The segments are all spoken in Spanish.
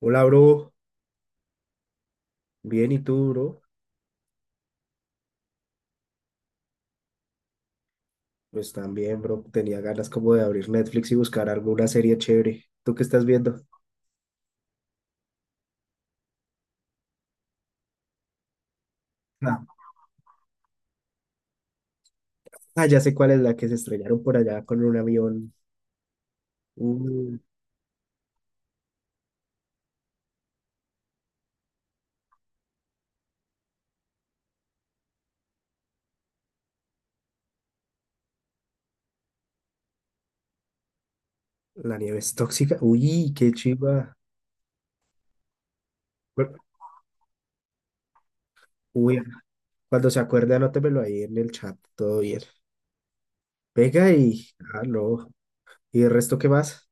Hola, bro. Bien, ¿y tú, bro? Pues también, bro. Tenía ganas como de abrir Netflix y buscar alguna serie chévere. ¿Tú qué estás viendo? Ah, Ah, ya sé cuál es la que se estrellaron por allá con un avión. Uh, la nieve es tóxica. Uy, qué chiva. Bueno. Uy, cuando se acuerde, anótemelo ahí en el chat. Todo bien. Venga y... Ah, no. ¿Y el resto qué más?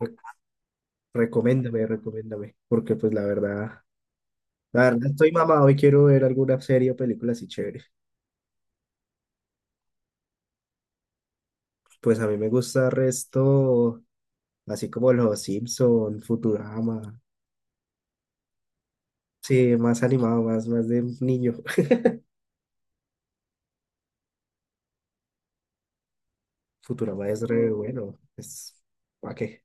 Re- Recoméndame, recoméndame. Porque pues la verdad... La verdad estoy mamado y quiero ver alguna serie o película así chévere. Pues a mí me gusta el resto, así como los Simpson, Futurama. Sí, más animado, más de niño. Futurama es re bueno. Es... ¿Para qué?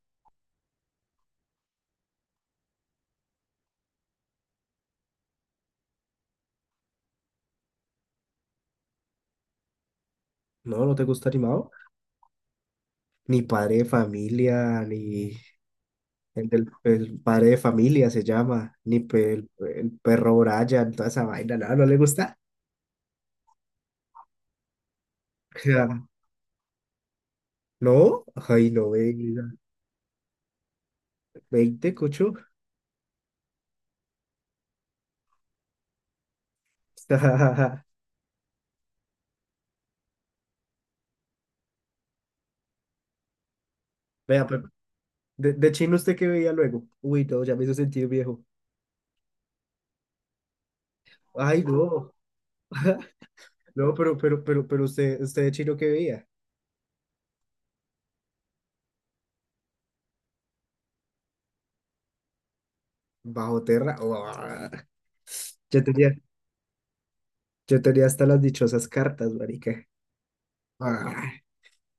No, no te gusta animado. Ni padre de familia, ni el padre de familia se llama, ni el perro Brian, toda esa vaina, no, no le gusta. Ja, no, ay, no, venga. Veinte cocho. Vea, pero de chino, ¿usted qué veía luego? Uy, no, ya me hizo sentir viejo. Ay, no. No, pero usted de chino que veía. Bajo tierra. ¡Uah! Yo tenía, yo tenía hasta las dichosas cartas, marica. Ah,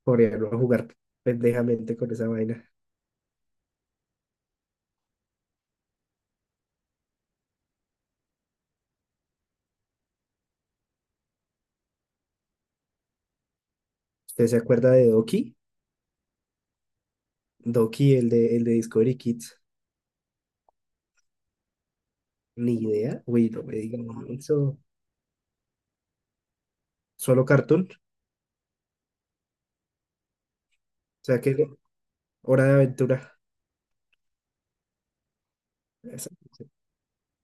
coreano a jugar pendejamente con esa vaina. ¿Usted se acuerda de Doki? Doki, el de Discovery Kids. Ni idea. Uy, no me digan eso. Solo cartoon. O sea que Hora de Aventura. Esa,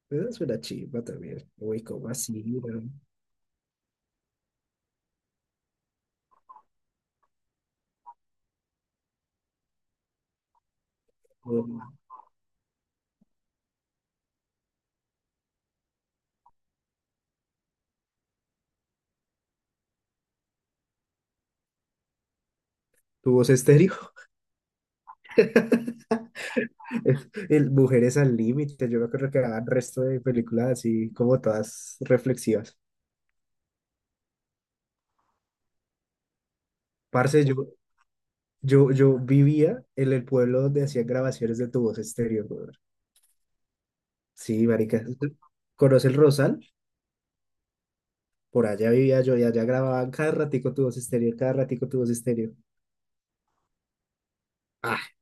esa es una chimba también. Uy, ¿cómo así? ¿Weón? ¿Tu voz estéreo? El Mujeres al Límite, yo me acuerdo que daban resto de películas así como todas reflexivas. Parce, yo vivía en el pueblo donde hacían grabaciones de tu voz estéreo, brother. Sí, marica. ¿Conoce el Rosal? Por allá vivía yo y allá grababan cada ratico tu voz estéreo, cada ratico tu voz estéreo. Ah,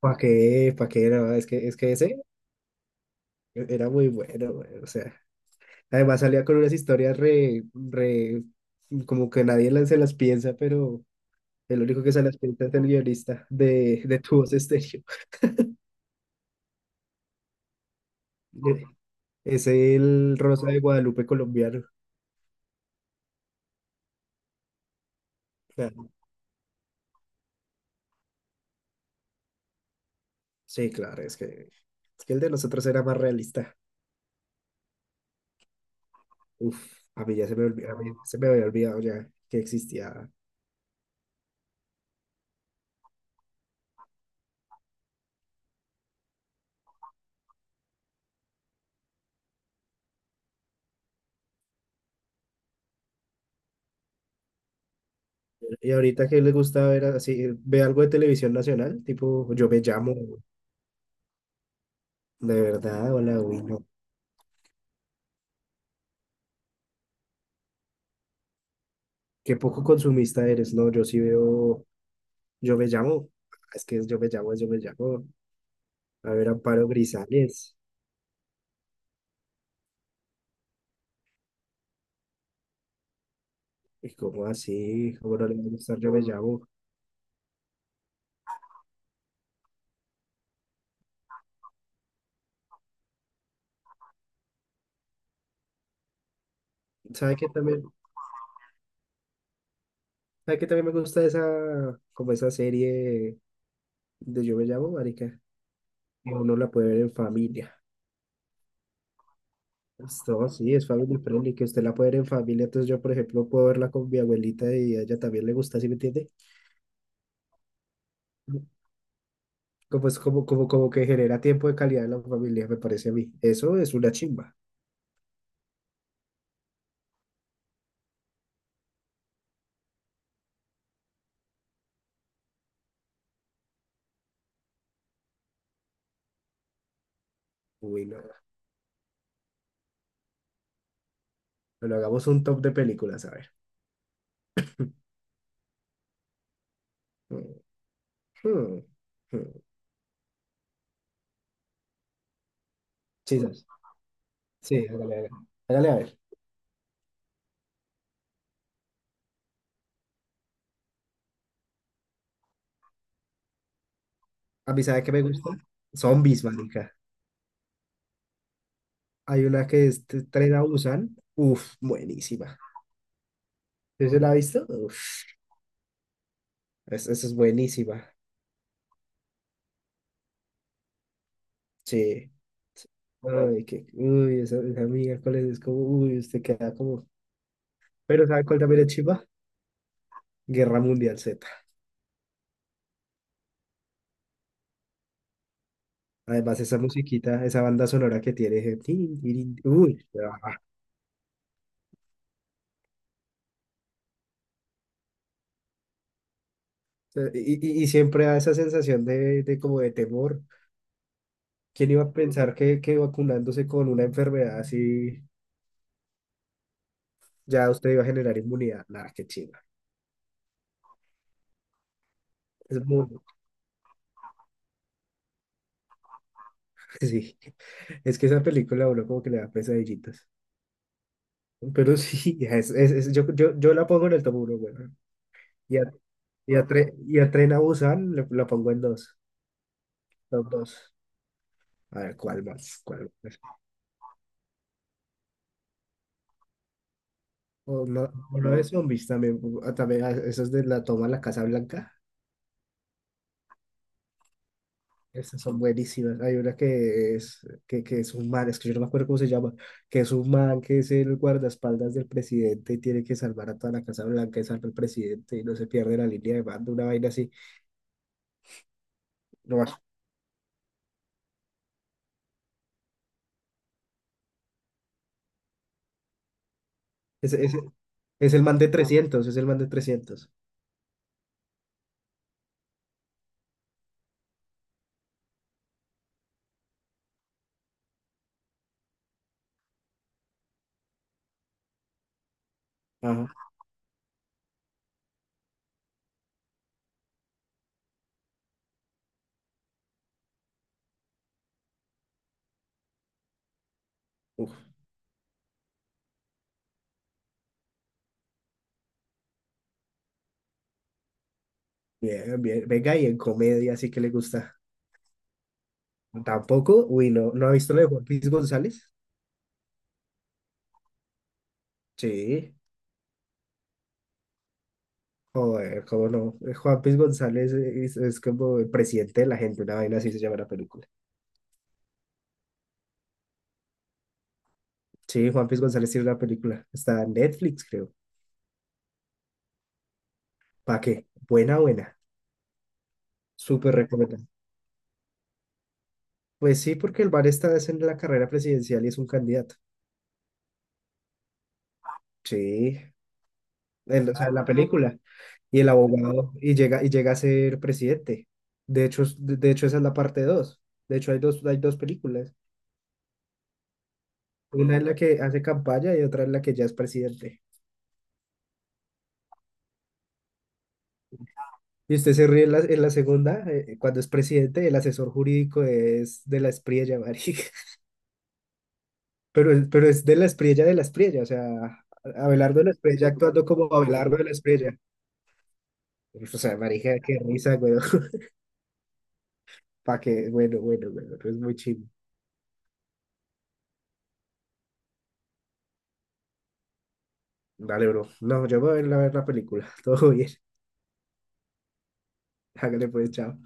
¿para qué? ¿Para qué? No, es que, ese era muy bueno, güey. O sea, además salía con unas historias re, re, como que nadie se las piensa, pero el único que se las pinta es el guionista de Tu Voz Estéreo. Es el Rosa de Guadalupe colombiano. Claro. Sí, claro, es que el de nosotros era más realista. Uf, a mí se me había olvidado ya que existía. Y ahorita que le gusta ver así, ve algo de televisión nacional, tipo Yo me llamo, de verdad, hola, uy, no. Qué poco consumista eres. No, yo sí veo Yo me llamo, es que es Yo me llamo, es Yo me llamo. A ver, Amparo Grisales. Y como así, como no le va a gustar, Yo me llamo. ¿Sabe qué también? ¿Sabe qué también me gusta esa, como esa serie de Yo me llamo, marica? Que uno la puede ver en familia. Esto sí, es family friendly, que usted la puede ver en familia. Entonces yo, por ejemplo, puedo verla con mi abuelita y a ella también le gusta, ¿sí me entiende? Como es como que genera tiempo de calidad en la familia, me parece a mí. Eso es una chimba. Uy, no. Pero hagamos un top de películas, a ver. Mm, mm, mm. Sí, sí, sí, hágale, hágale. Hágale, a ver. A mí, ¿sabe qué me gusta? Zombies, marica. Hay una que es Tren a Busan. Uf, buenísima. ¿Sí se la ha visto? Uf, esa es buenísima. Sí. Ay, que, uy, esa amiga, ¿cuál es? Es como, uy, usted queda como... Pero ¿sabe cuál también es chiva? Guerra Mundial Z. Además, esa musiquita, esa banda sonora que tiene... tin, tirin, uy, ah. Y siempre da esa sensación de como de temor. ¿Quién iba a pensar que vacunándose con una enfermedad así... ya usted iba a generar inmunidad. Nada, qué chimba. Es muy, sí. Es que esa película a uno como que le da pesadillitas. Pero sí, yo la pongo en el top 1, güey. Y a, y a Tren a Busan la pongo en dos. Top dos. A ver, ¿cuál más? ¿Cuál más? O no, o no de zombies también. Esas de la toma a la Casa Blanca. Esas son buenísimas. Hay una que es un man, es que yo no me acuerdo cómo se llama, que es un man que es el guardaespaldas del presidente y tiene que salvar a toda la Casa Blanca y salva al presidente y no se pierde la línea de mando, una vaina así. No, es, es, es el man de 300, es el man de trescientos. Ajá. Uf, bien, bien. Venga, y en comedia sí que le gusta. Tampoco, uy, no, ¿no ha visto lo de Juan Luis González? Sí. Joder, cómo no. Juan Piz González es como el presidente de la gente, una vaina así se llama la película. Sí, Juan Piz González tiene una película. Está en Netflix, creo. ¿Para qué? Buena, buena. Súper recomendada. Pues sí, porque el bar está es en la carrera presidencial y es un candidato. Sí, en, o sea, en la película. Y el abogado, y llega a ser presidente. De hecho, esa es la parte dos. De hecho, hay dos películas. Una es la que hace campaña y otra es la que ya es presidente. Y usted se ríe en la, segunda, cuando es presidente, el asesor jurídico es de la Espriella, marica. Pero es de la Espriella, o sea, Abelardo de la Espriella actuando como Abelardo de la Espriella. O sea, marica, qué risa, güey. Pa' que, bueno, bueno, bueno, es muy chido. Dale, bro. No, yo me voy a ir a ver la película. Todo bien. Hágale pues, chao.